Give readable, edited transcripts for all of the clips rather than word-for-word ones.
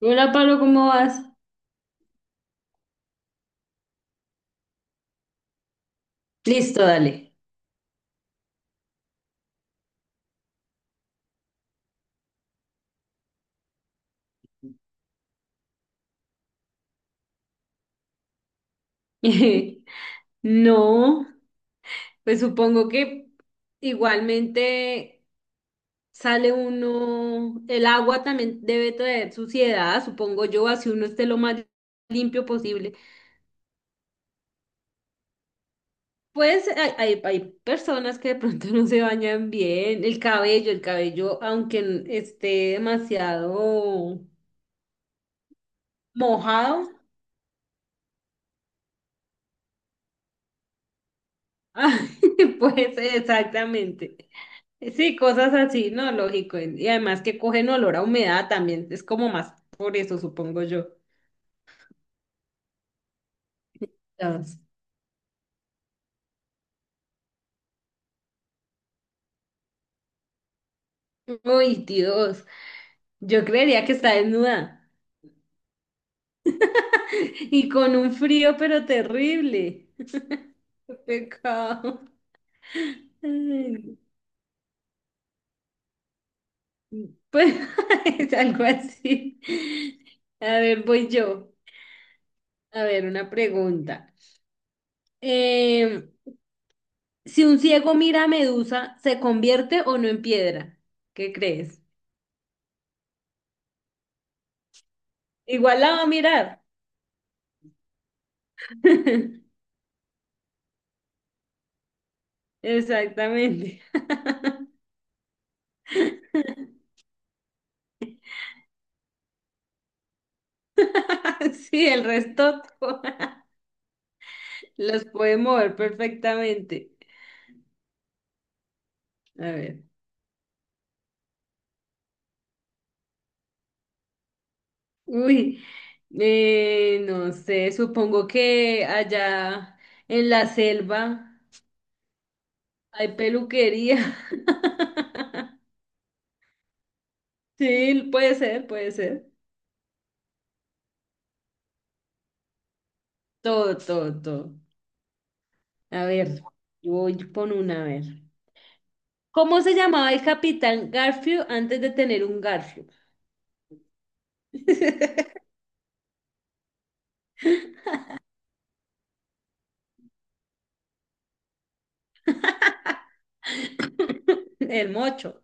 Hola, Pablo, ¿cómo vas? Listo, dale. No, pues supongo que igualmente sale uno, el agua también debe traer suciedad, supongo yo, así uno esté lo más limpio posible. Pues hay personas que de pronto no se bañan bien, el cabello, aunque esté demasiado mojado, pues exactamente. Sí, cosas así, ¿no? Lógico. Y además que cogen olor a humedad también. Es como más por eso, supongo yo. Dios. Uy, Dios. Yo creería que está desnuda. Y con un frío, pero terrible. Qué pecado. Ay, pues es algo así. A ver, voy yo. A ver, una pregunta. Eh, si un ciego mira a Medusa, ¿se convierte o no en piedra? ¿Qué crees? Igual la va a mirar. Exactamente. Sí, el resto los puede mover perfectamente. A ver. Uy, no sé, supongo que allá en la selva hay peluquería. Sí, puede ser, puede ser. Todo, todo, todo. A ver, yo voy con una, a ver. ¿Cómo se llamaba el capitán Garfield antes de tener un Garfield? El mocho.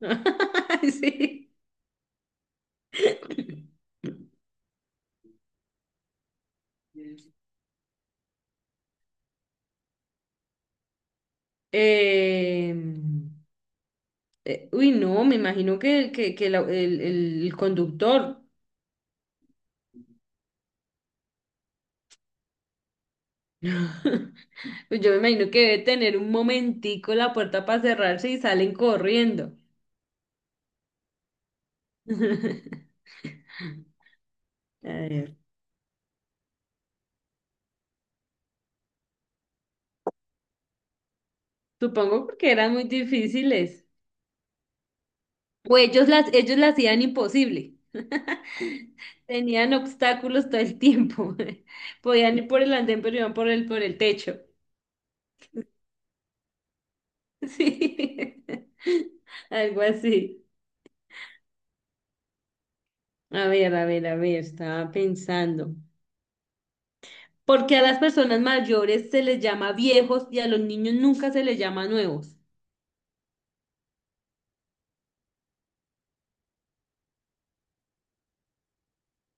Sí. Eh, uy, no, me imagino que el conductor, pues yo me imagino que debe tener un momentico la puerta para cerrarse y salen corriendo. A ver. Supongo porque eran muy difíciles. O ellos las hacían imposible. Tenían obstáculos todo el tiempo. Podían ir por el andén, pero iban por el techo. Sí, algo así. A ver, a ver, a ver, estaba pensando. Porque a las personas mayores se les llama viejos y a los niños nunca se les llama nuevos.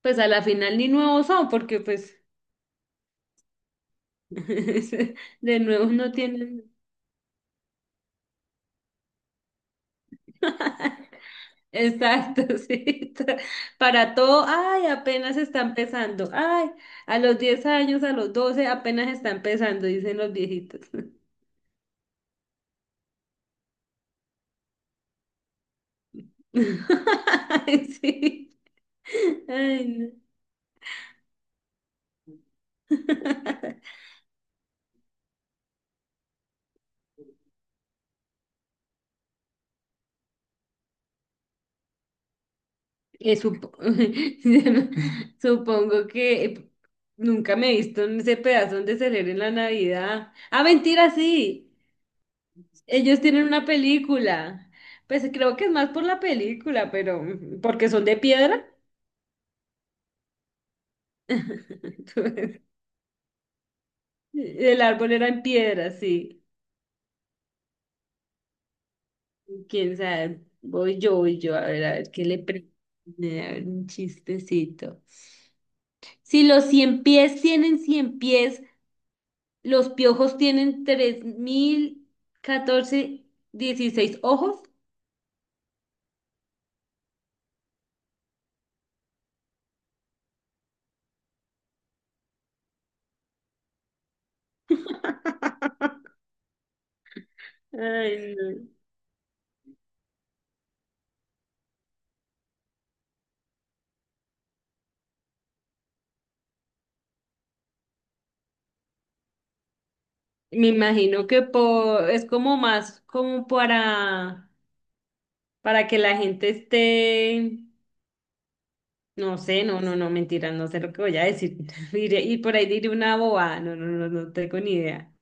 Pues a la final ni nuevos son, porque pues de nuevos no tienen. Exacto, sí. Para todo, ay, apenas está empezando. Ay, a los 10 años, a los 12, apenas está empezando, dicen los viejitos. Ay, sí. Ay, no. Eh, supo- Supongo que nunca me he visto en ese pedazo donde celebren la Navidad. Ah, mentira, sí. Ellos tienen una película. Pues creo que es más por la película, pero porque son de piedra. El árbol era en piedra, sí. Quién sabe. Voy yo, a ver qué le pre... A ver, un chistecito. Si los 100 pies tienen 100 pies, los piojos tienen 3014, 16 ojos. Ay, no. Me imagino que por, es como más como para que la gente esté, no sé, no, no, no, mentira, no sé lo que voy a decir. Y por ahí diré una boba, no, no, no, no tengo ni idea.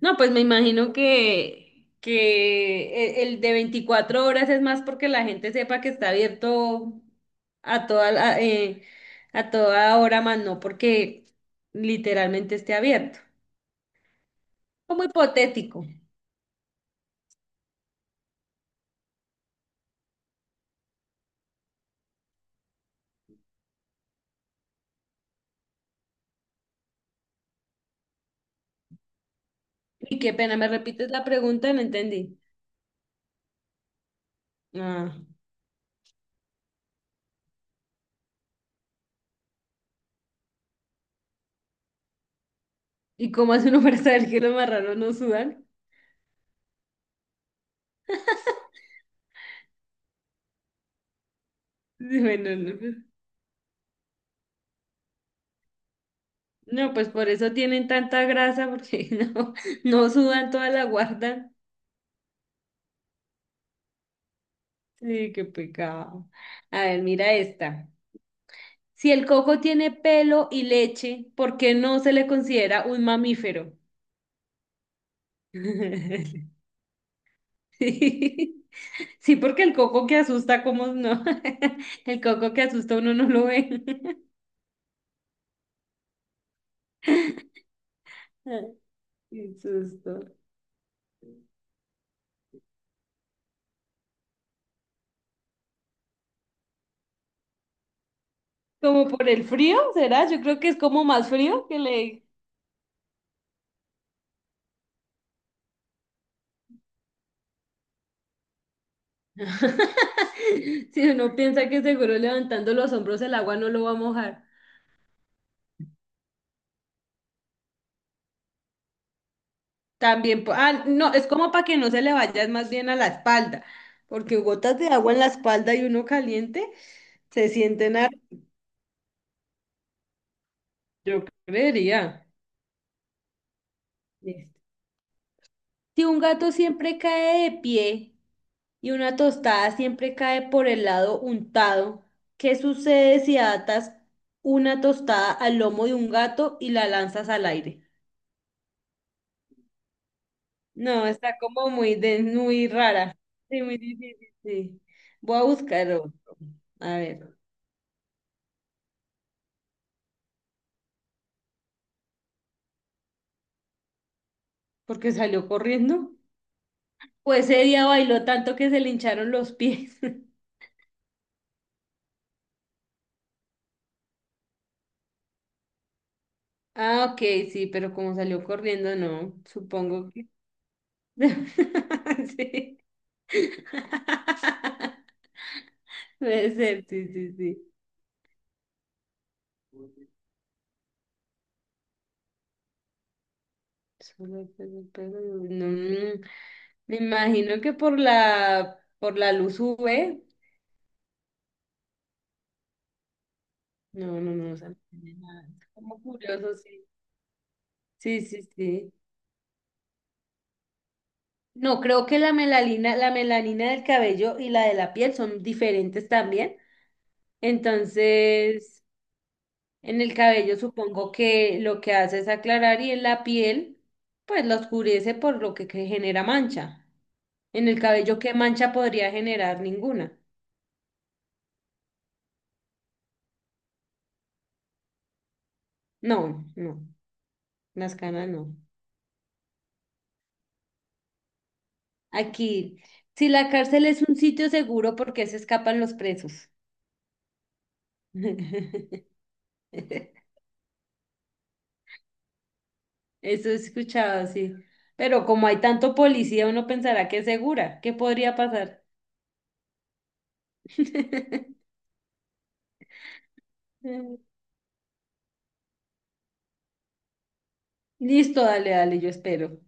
No, pues me imagino que el de 24 horas es más porque la gente sepa que está abierto a toda, la- eh, a toda hora, más no porque literalmente esté abierto. Como hipotético. Y qué pena, ¿me repites la pregunta? No entendí. Ah, ¿y cómo hace uno para saber que los marranos no sudan? Bueno, no, no, pues no, pues por eso tienen tanta grasa, porque no, no sudan, toda la guardan. Sí, qué pecado. A ver, mira esta. Si el coco tiene pelo y leche, ¿por qué no se le considera un mamífero? Sí, sí, porque el coco que asusta, ¿cómo no? El coco que asusta uno no lo ve. Ay, qué susto. ¿Como por el frío, será? Yo creo que es como más frío que le... Si uno piensa que seguro levantando los hombros el agua no lo va a mojar. También, po- ah, no, es como para que no se le vaya más bien a la espalda, porque gotas de agua en la espalda y uno caliente se sienten a... Yo creería. Listo. Si un gato siempre cae de pie y una tostada siempre cae por el lado untado, ¿qué sucede si atas una tostada al lomo de un gato y la lanzas al aire? No, está como muy, de, muy rara. Sí, muy difícil, sí. Voy a buscar otro. A ver. Porque salió corriendo. Pues ese día bailó tanto que se le hincharon los pies. Ah, ok, sí, pero como salió corriendo, no, supongo que... Sí. Puede ser, sí, sí, sí. Solo pelo, pelo, no, me imagino que por la luz UV. No, no, no, o sea, no tiene nada. Es como curioso, sí. Sí, sí, sí. No, creo que la melanina del cabello y la de la piel son diferentes también. Entonces, en el cabello supongo que lo que hace es aclarar y en la piel, pues la oscurece por lo que genera mancha. En el cabello, ¿qué mancha podría generar? Ninguna. No, no, las canas no. Aquí, si la cárcel es un sitio seguro, ¿por qué se escapan los presos? Eso he escuchado, sí. Pero como hay tanto policía, uno pensará que es segura. ¿Qué podría pasar? Listo, dale, dale, yo espero.